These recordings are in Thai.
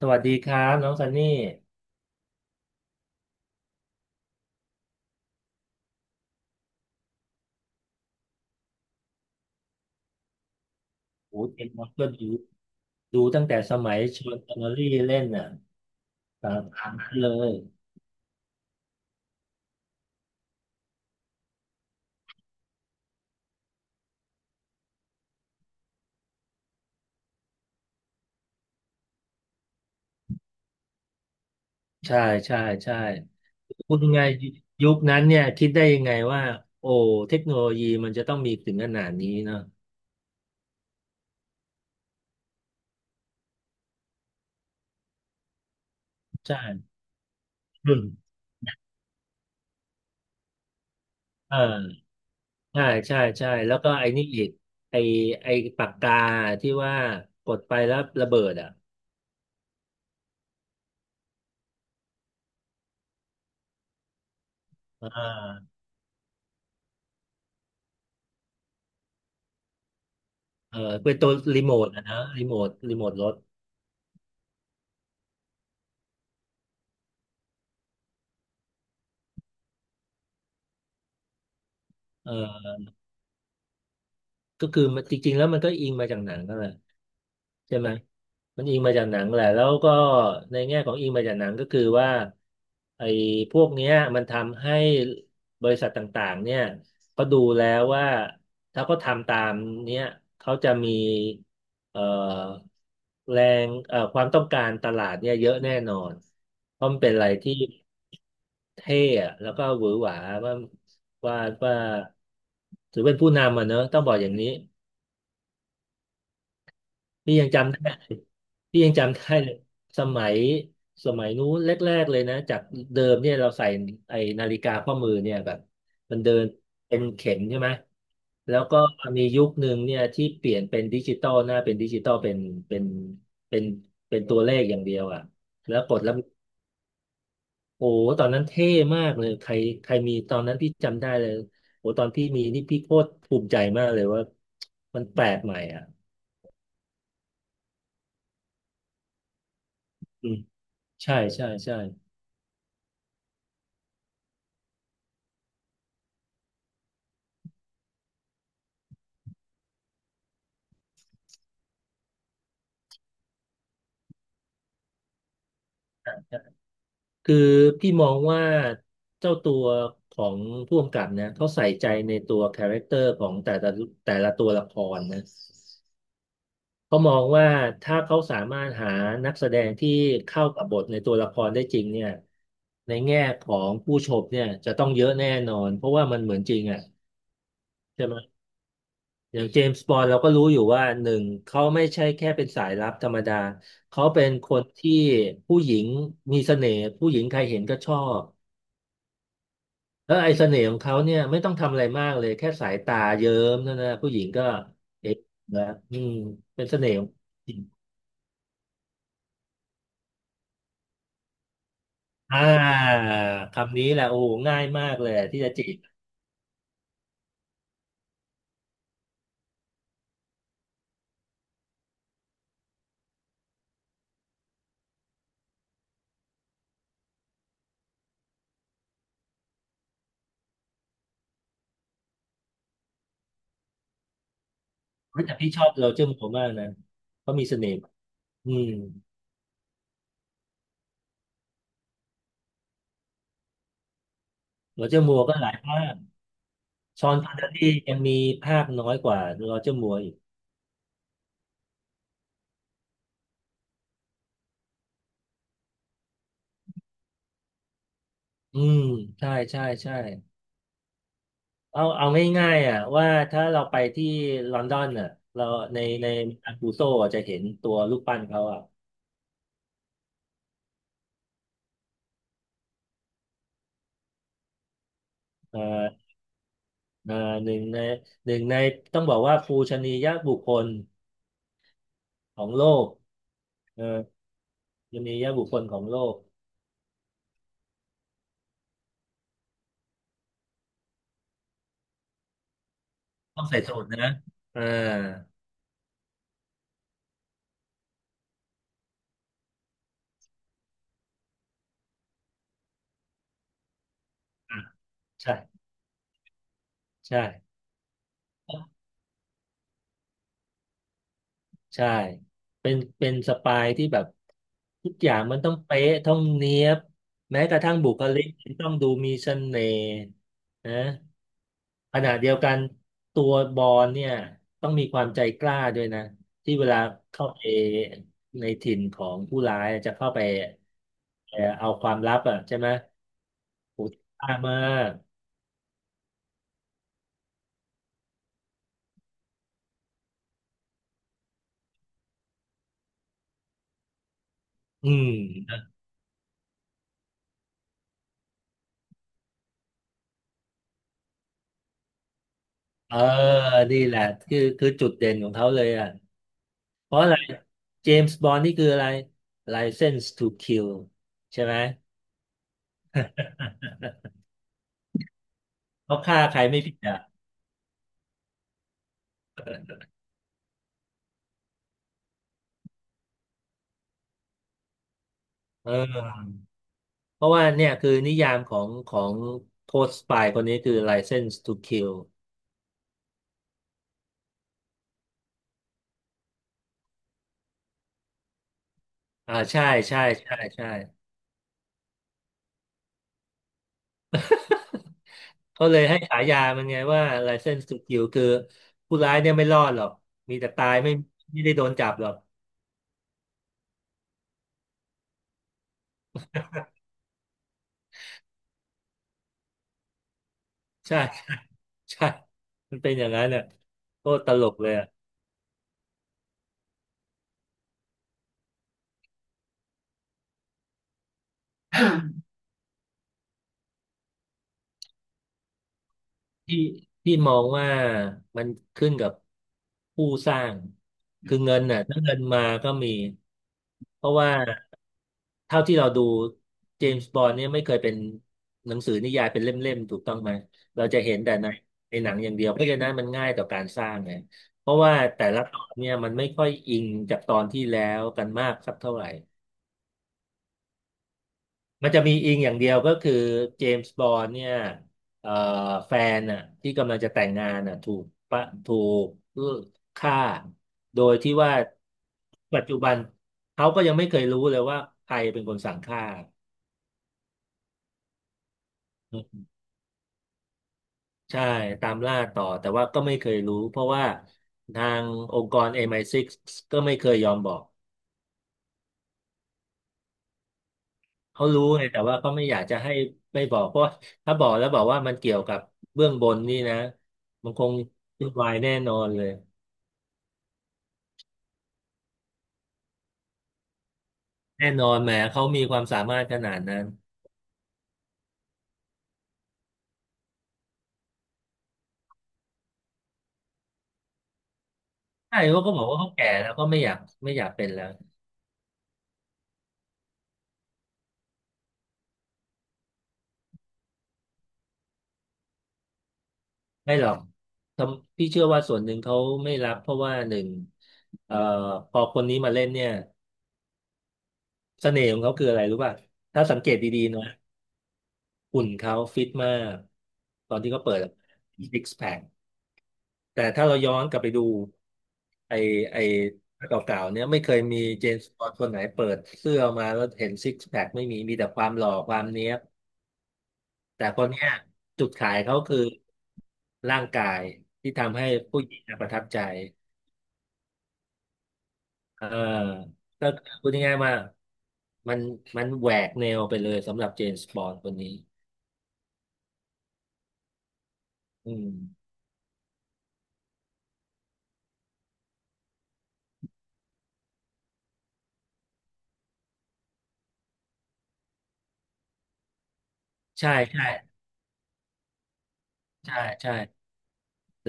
สวัสดีครับน้องซันนี่โอ้เอ็มอสก็ดูตั้งแต่สมัยชวนแอนอรี่เล่นน่ะตามนั้นเลยใช่ใช่ใช่พูดยังไงยุคนั้นเนี่ยคิดได้ยังไงว่าโอ้เทคโนโลยีมันจะต้องมีถึงขนาดนี้เนาะใช่อืมเออใช่ใช่แล้วก็ไอ้นี่อีกไอ้ไอ้ปากกาที่ว่ากดไปแล้วระเบิดอ่ะอ่าเออเป็นตัวรีโมทอ่ะนะรีโมทรถเออ ก็คือมันจริงๆแล้วมันก็อิงมาจากหนังก็แหละใช่ไหมมันอิงมาจากหนังแหละแล้วก็ในแง่ของอิงมาจากหนังก็คือว่าไอ้พวกเนี้ยมันทำให้บริษัทต่างๆเนี่ยเขาดูแล้วว่าถ้าเขาทำตามเนี้ยเขาจะมีเอ่อแรงความต้องการตลาดเนี่ยเยอะแน่นอนเพราะมันเป็นอะไรที่เท่อะแล้วก็หวือหวาว่าว่าว่าถือเป็นผู้นำอ่ะเนอะต้องบอกอย่างนี้ พี่ยังจำได้พี่ยังจำได้เลยสมัยสมัยนู้นแรกๆเลยนะจากเดิมเนี่ยเราใส่ไอ้นาฬิกาข้อมือเนี่ยแบบมันเดินเป็นเข็มใช่ไหมแล้วก็มียุคหนึ่งเนี่ยที่เปลี่ยนเป็นดิจิตอลหน้าเป็นดิจิตอลเป็นเป็นเป็นตัวเลขอย่างเดียวอ่ะแล้วกดแล้วโอ้โหตอนนั้นเท่มากเลยใครใครมีตอนนั้นพี่จำได้เลยโอ้โหตอนพี่มีนี่พี่โคตรภูมิใจมากเลยว่ามันแปลกใหม่อ่ะอืมใช่ใช่ใช่ คือพี่มองว่าเจ้าตัวของผู้กำกับเนี่ยเขาใส่ใจในตัวคาแรคเตอร์ของแต่ละตัวละครนะเขามองว่าถ้าเขาสามารถหานักแสดงที่เข้ากับบทในตัวละครได้จริงเนี่ยในแง่ของผู้ชมเนี่ยจะต้องเยอะแน่นอนเพราะว่ามันเหมือนจริงอ่ะใช่ไหมอย่างเจมส์บอนด์เราก็รู้อยู่ว่าหนึ่งเขาไม่ใช่แค่เป็นสายลับธรรมดาเขาเป็นคนที่ผู้หญิงมีเสน่ห์ผู้หญิงใครเห็นก็ชอบ แล้วไอ้เสน่ห์ของเขาเนี่ยไม่ต้องทำอะไรมากเลยแค่สายตาเยิ้มเท่านั้นนะผู้หญิงก็เอ๊ะนะอืมเป็นเสน่ห์ของผู้หญิงอ่าคำนี้แหละโอ้โหง่ายมากเลยที่จะจีบเฮ้ยแต่พี่ชอบโรเจอร์มัวร์มากนะเขามีเสน่ห์อืมโรเจอร์มัวร์ก็หลายภาคชอนพันเนอรี่ยังมีภาคน้อยกว่าโรเจอร์มัวร์อีกอืมใช่ใช่ใช่เอาง่ายๆอ่ะว่าถ้าเราไปที่ลอนดอนอ่ะเราในอันกูโซอ่ะจะเห็นตัวรูปปั้นเขาอ่ะเอ่อ เอ่อหนึ่งในหนึ่งในต้องบอกว่าปูชนียบุคคลของโลกเออชนียบุคคลของโลกต้องใส่สูทนะอ่าอ่ะใช่ใช่ใช่เป็นสปายที่แบบทุกอย่างมันต้องเป๊ะต้องเนี๊ยบแม้กระทั่งบุคลิกต้องดูมีเสน่ห์นะ ขณะเดียวกันตัวบอลเนี่ยต้องมีความใจกล้าด้วยนะที่เวลาเข้าไปในถิ่นของผู้ร้ายจะเข้าไปเอาความลับอ่ะใช่ไหมโหกล้ามากอืมเออนี่แหละคือจุดเด่นของเขาเลยอ่ะเพราะอะไรเจมส์บอนด์นี่คืออะไร License to Kill ใช่ไหม เขาฆ่าใครไม่ผิดอ่ะเออ เพราะว่าเนี่ยคือนิยามของโค้ชสปายคนนี้คือ License to Kill อ่าใช่เขาเลยให้ฉายามันไงว่า License to Kill คือผู้ร้ายเนี่ยไม่รอดหรอกมีแต่ตายไม่ได้โดนจับหรอกใช่ใช่มันเป็นอย่างนั้นน่ะโคตรตลกเลยอ่ะ ที่ที่มองว่ามันขึ้นกับผู้สร้างคือเงินน่ะถ้าเงินมาก็มีเพราะว่า เท่าที่เราดูเจมส์บอนด์เนี่ยไม่เคยเป็นหนังสือนิยายเป็นเล่มๆถูกต้องไหมเราจะเห็นแต่ในหนังอย่างเดียวเพราะฉะนั้นมันง่ายต่อการสร้างไงเพราะว่าแต่ละตอนเนี่ยมันไม่ค่อยอิงจากตอนที่แล้วกันมากสักเท่าไหร่มันจะมีอิงอย่างเดียวก็คือเจมส์บอนด์เนี่ยเอ่อแฟนน่ะที่กำลังจะแต่งงานน่ะถูกฆ่าโดยที่ว่าปัจจุบันเขาก็ยังไม่เคยรู้เลยว่าใครเป็นคนสั่งฆ่า ใช่ตามล่าต่อแต่ว่าก็ไม่เคยรู้เพราะว่าทางองค์กร MI6 กซ์ก็ไม่เคยยอมบอกเขารู้ไงแต่ว่าเขาไม่อยากจะให้ไม่บอกเพราะว่าถ้าบอกแล้วบอกว่ามันเกี่ยวกับเบื้องบนนี่นะมันคงวุ่นวายแน่นอนเลยแน่นอนแหมเขามีความสามารถขนาดนั้นใช่เขาก็บอกว่าเขาแก่แล้วก็ไม่อยากเป็นแล้วไม่หรอกทำพี่เชื่อว่าส่วนหนึ่งเขาไม่รับเพราะว่าหนึ่งเอ่อพอคนนี้มาเล่นเนี่ยเสน่ห์ของเขาคืออะไรรู้ป่ะถ้าสังเกตดีๆนะ หุ่นเขาฟิตมากตอนที่เขาเปิดซิกแพคแต่ถ้าเราย้อนกลับไปดูไอไอเก่าๆเนี่ยไม่เคยมีเจมส์บอนด์คนไหนเปิดเสื้อมาแล้วเห็นซิกแพคไม่มีมีแต่ความหล่อความเนี้ยบแต่คนเนี้ยจุดขายเขาคือร่างกายที่ทำให้ผู้หญิงน่ะประทับใจเออก็พูดง่ายๆว่ามันมันแหวกแนวไปเลยสำหรับเจมส์บอนด์คนนี้อืมใช่ใช่ใช่ใช่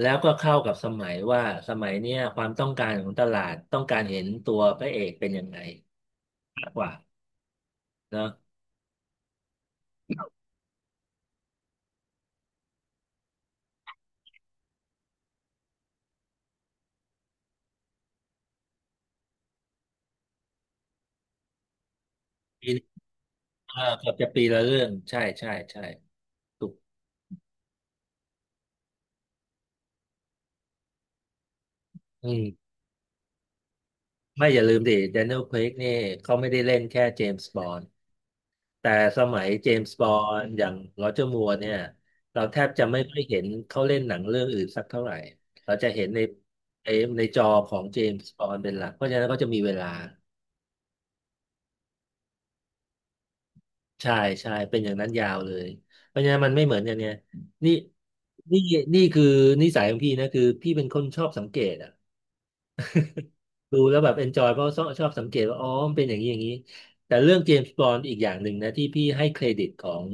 แล้วก็เข้ากับสมัยว่าสมัยเนี้ยความต้องการของตลาดต้องการเห็นตัวพระเอกเป็นยังไงมากกว่าเนาะปีนี้เออเกือบจะปีละเรื่องใช่ใช่ใช่ถูกอืมไม่อย่าลืมดิแดเนียล Craigนี่เขาไม่ได้เล่นแค่เจมส์บอนด์แต่สมัยเจมส์บอนด์อย่างโรเจอร์มัวร์เนี่ยเราแทบจะไม่ค่อยเห็นเขาเล่นหนังเรื่องอื่นสักเท่าไหร่เราจะเห็นในในในจอของเจมส์บอนด์เป็นหลักเพราะฉะนั้นก็จะมีเวลา ใช่ใช่เป็นอย่างนั้นยาวเลยเพราะฉะนั้นมันไม่เหมือนอย่างเนี้ยนี่นี่นี่คือนิสัยของพี่นะคือพี่เป็นคนชอบสังเกตอะดูแล้วแบบเอนจอยเพราะชอบสังเกตว่าอ๋อมันเป็นอย่างนี้อย่างนี้แต่เรื่องเจมส์บอนด์อีกอย่างหนึ่งนะที่พี่ให้เครดิตของ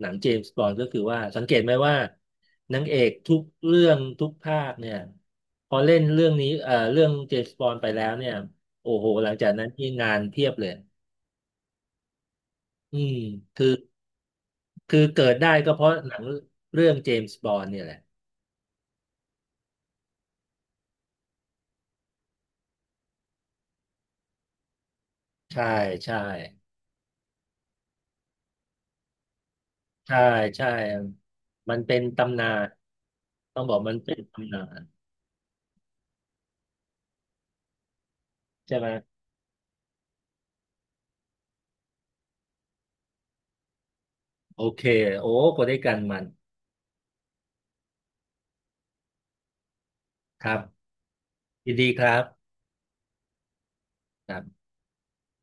หนังเจมส์บอนด์ก็คือว่าสังเกตไหมว่านางเอกทุกเรื่องทุกภาคเนี่ยพอเล่นเรื่องนี้เรื่องเจมส์บอนด์ไปแล้วเนี่ยโอ้โหหลังจากนั้นที่งานเพียบเลยอืมคือ คือเกิดได้ก็เพราะหนังเรื่องเจมส์บอนด์เนี่ยแหละใช่ใช่ใช่ใช่มันเป็นตำนานต้องบอกมันเป็นตำนานใช่ไหมโอเคโอ้ก็ได้กันมันครับยินดีครับครับ